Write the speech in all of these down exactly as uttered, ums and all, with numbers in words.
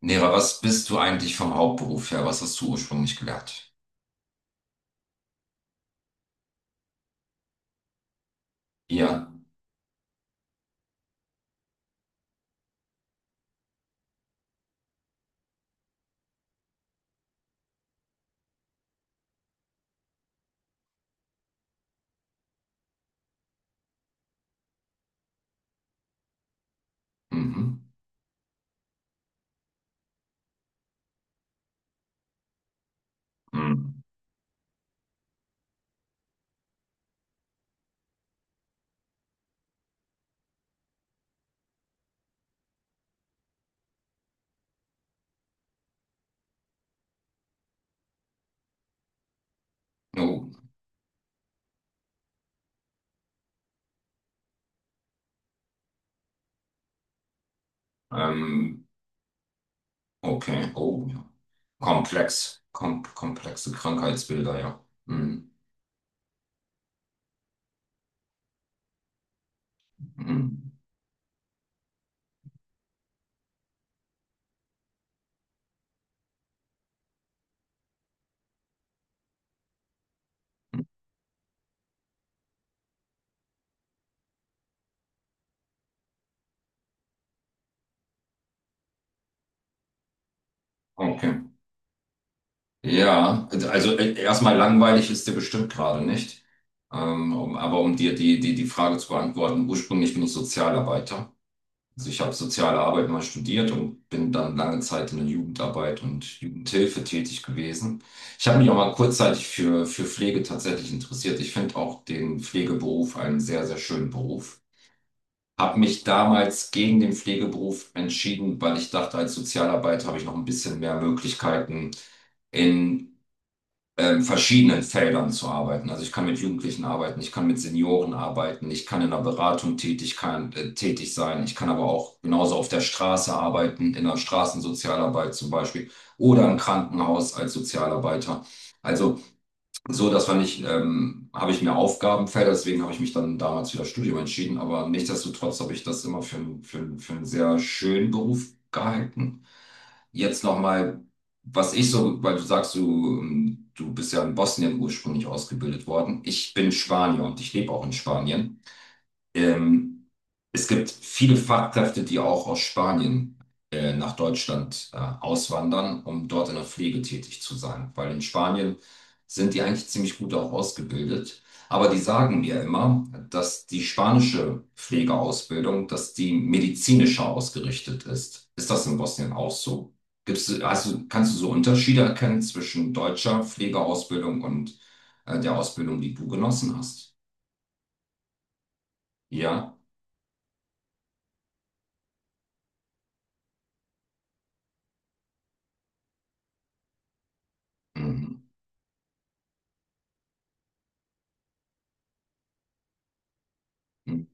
Nera, was bist du eigentlich vom Hauptberuf her? Was hast du ursprünglich gelernt? Ja. Mhm. Mhm. Oh. Ähm, okay. Oh, ja. Komplex. Kom komplexe Krankheitsbilder, ja. Mhm. Mhm. Okay. Ja, also äh, erstmal langweilig ist dir bestimmt gerade nicht. Ähm, um, aber um dir die, die, die Frage zu beantworten, ursprünglich bin ich Sozialarbeiter. Also ich habe soziale Arbeit mal studiert und bin dann lange Zeit in der Jugendarbeit und Jugendhilfe tätig gewesen. Ich habe mich auch mal kurzzeitig für, für Pflege tatsächlich interessiert. Ich finde auch den Pflegeberuf einen sehr, sehr schönen Beruf. Habe mich damals gegen den Pflegeberuf entschieden, weil ich dachte, als Sozialarbeiter habe ich noch ein bisschen mehr Möglichkeiten, in äh, in verschiedenen Feldern zu arbeiten. Also ich kann mit Jugendlichen arbeiten, ich kann mit Senioren arbeiten, ich kann in der Beratung tätig, kann, äh, tätig sein, ich kann aber auch genauso auf der Straße arbeiten, in der Straßensozialarbeit zum Beispiel oder im Krankenhaus als Sozialarbeiter. Also so, dass wir nicht, ähm, habe ich mir Aufgabenfelder, deswegen habe ich mich dann damals für das Studium entschieden, aber nichtsdestotrotz habe ich das immer für, einen- für, einen- für einen sehr schönen Beruf gehalten. Jetzt nochmal, was ich so, weil du sagst, du, ähm, du bist ja in Bosnien ursprünglich ausgebildet worden. Ich bin Spanier und ich lebe auch in Spanien. Ähm, es gibt viele Fachkräfte, die auch aus Spanien äh, nach Deutschland äh, auswandern, um dort in der Pflege tätig zu sein, weil in Spanien sind die eigentlich ziemlich gut auch ausgebildet. Aber die sagen mir immer, dass die spanische Pflegeausbildung, dass die medizinischer ausgerichtet ist. Ist das in Bosnien auch so? Gibt's, also kannst du so Unterschiede erkennen zwischen deutscher Pflegeausbildung und äh, der Ausbildung, die du genossen hast? Ja. Mhm. Mhm.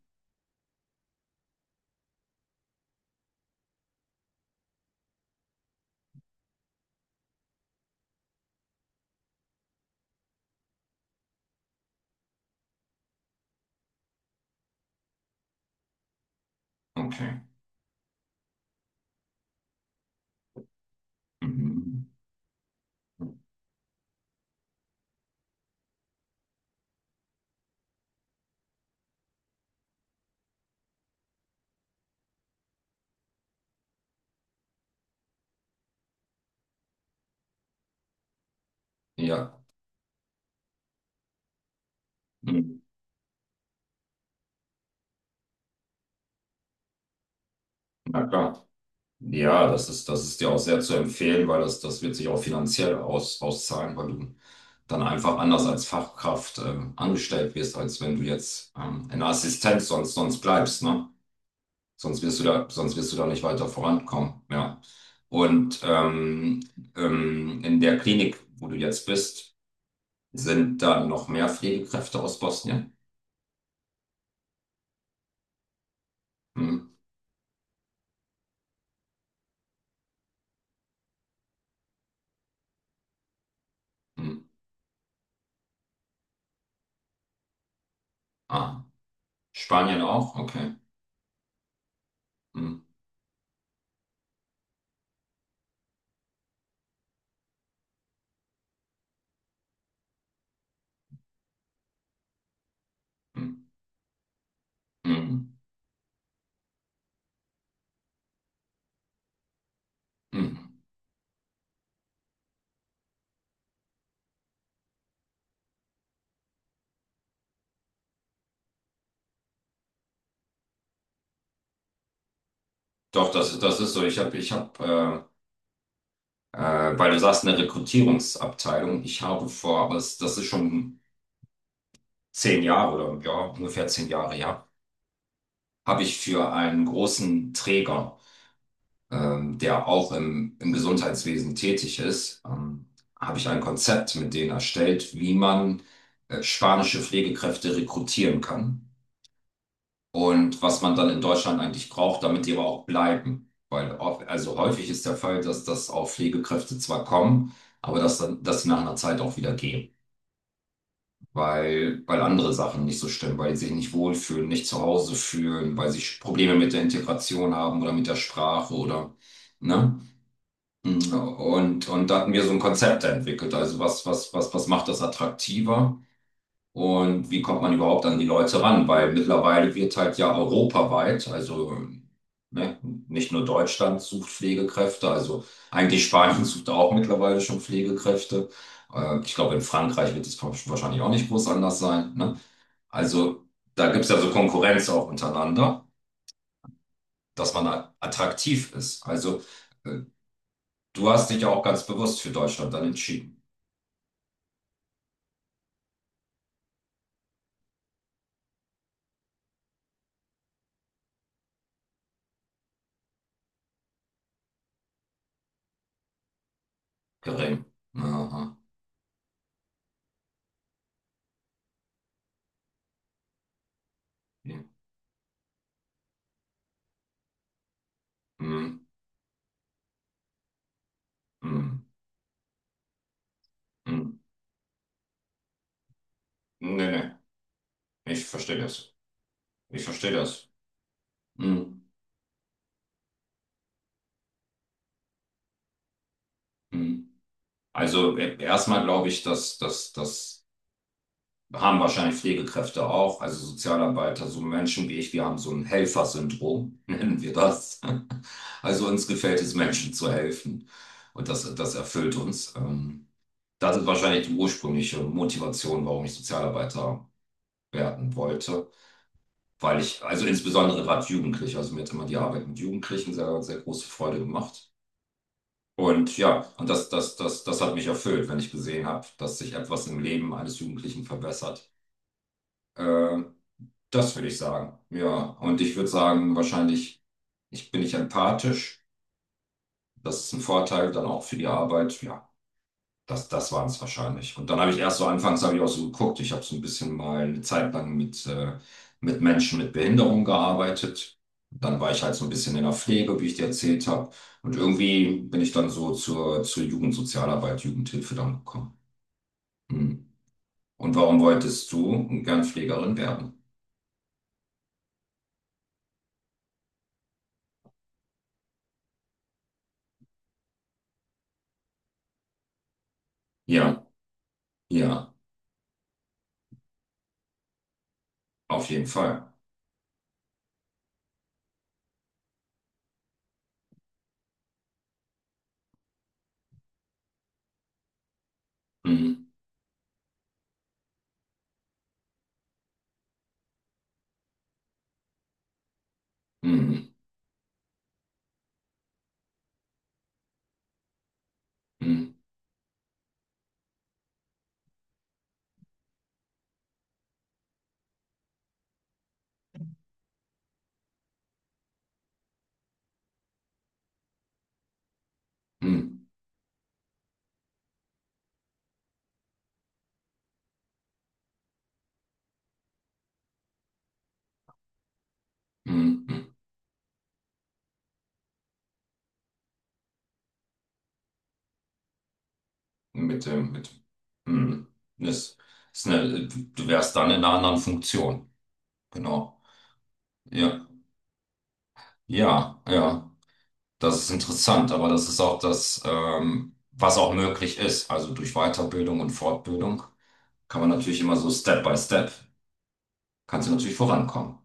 Okay. Mhm. Ja, Mhm. na klar. Ja, das ist, das ist, dir auch sehr zu empfehlen, weil das, das wird sich auch finanziell aus, auszahlen, weil du dann einfach anders als Fachkraft ähm, angestellt wirst, als wenn du jetzt ähm, in der Assistenz sonst, sonst bleibst, ne? Sonst wirst du da, sonst wirst du da nicht weiter vorankommen, ja. Und ähm, ähm, in der Klinik, wo du jetzt bist, sind da noch mehr Pflegekräfte aus Bosnien? Mhm. Mhm. Ah, Spanien auch? Okay. Mhm. Mhm. Mhm. Mhm. Doch, das, das ist so. Ich habe, ich habe, äh, äh, weil du sagst, eine Rekrutierungsabteilung. Ich habe vor, aber das, das ist schon zehn Jahre oder ja, ungefähr zehn Jahre, ja, habe ich für einen großen Träger, ähm, der auch im, im Gesundheitswesen tätig ist, ähm, habe ich ein Konzept mit denen erstellt, wie man äh, spanische Pflegekräfte rekrutieren kann. und was man dann in Deutschland eigentlich braucht, damit die aber auch bleiben. Weil oft- also häufig ist der Fall, dass das auch Pflegekräfte zwar kommen, aber dass dann, dass sie nach einer Zeit auch wieder gehen, weil, weil andere Sachen nicht so stimmen, weil sie sich nicht wohlfühlen, nicht zu Hause fühlen, weil sie Probleme mit der Integration haben oder mit der Sprache oder, ne? Und, und da hatten wir so ein Konzept entwickelt. Also was, was, was, was macht das attraktiver? Und wie kommt man überhaupt an die Leute ran? Weil mittlerweile wird halt ja europaweit, also ne, nicht nur Deutschland sucht Pflegekräfte, also eigentlich Spanien sucht auch mittlerweile schon Pflegekräfte. Äh, ich glaube, in Frankreich wird es wahrscheinlich auch nicht groß anders sein. Ne? Also da gibt es ja so Konkurrenz auch untereinander, dass man a- attraktiv ist. Also äh, du hast dich ja auch ganz bewusst für Deutschland dann entschieden. Gering. Aha. Ja. Hm, hm, hm. hm. Nee, nee. Ich verstehe das. Ich verstehe das. Mhm. Mhm. Also e- erstmal glaube ich, dass dass das haben wahrscheinlich Pflegekräfte auch, also Sozialarbeiter, so Menschen wie ich, wir haben so ein Helfersyndrom, nennen wir das. Also uns gefällt es, Menschen zu helfen. Und das, das erfüllt uns. Ähm, Das ist wahrscheinlich die ursprüngliche Motivation, warum ich Sozialarbeiter werden wollte. Weil ich, also insbesondere gerade Jugendliche, also mir hat immer die Arbeit mit Jugendlichen sehr, sehr große Freude gemacht. Und ja, und das, das, das, das hat mich erfüllt, wenn ich gesehen habe, dass sich etwas im Leben eines Jugendlichen verbessert. Äh, das würde ich sagen. Ja, und ich würde sagen, wahrscheinlich, ich bin nicht empathisch. Das ist ein Vorteil dann auch für die Arbeit. Ja. Das, das waren es wahrscheinlich. Und dann habe ich erst so anfangs habe ich auch so geguckt, ich habe so ein bisschen mal eine Zeit lang mit, äh, mit Menschen mit Behinderung gearbeitet. Dann war ich halt so ein bisschen in der Pflege, wie ich dir erzählt habe. Und irgendwie bin ich dann so zur, zur Jugendsozialarbeit, Jugendhilfe dann gekommen. Hm. Und warum wolltest du gern Pflegerin werden? Ja, ja, auf jeden Fall. Hm, hm, hm, hm, hm, hm. hm. Mit dem, mit, hm. Das ist eine, du wärst dann in einer anderen Funktion. Genau. Ja, ja, ja. Das ist interessant, aber das ist auch das, ähm, was auch möglich ist. Also durch Weiterbildung und Fortbildung kann man natürlich immer so Step by Step, kannst du natürlich vorankommen.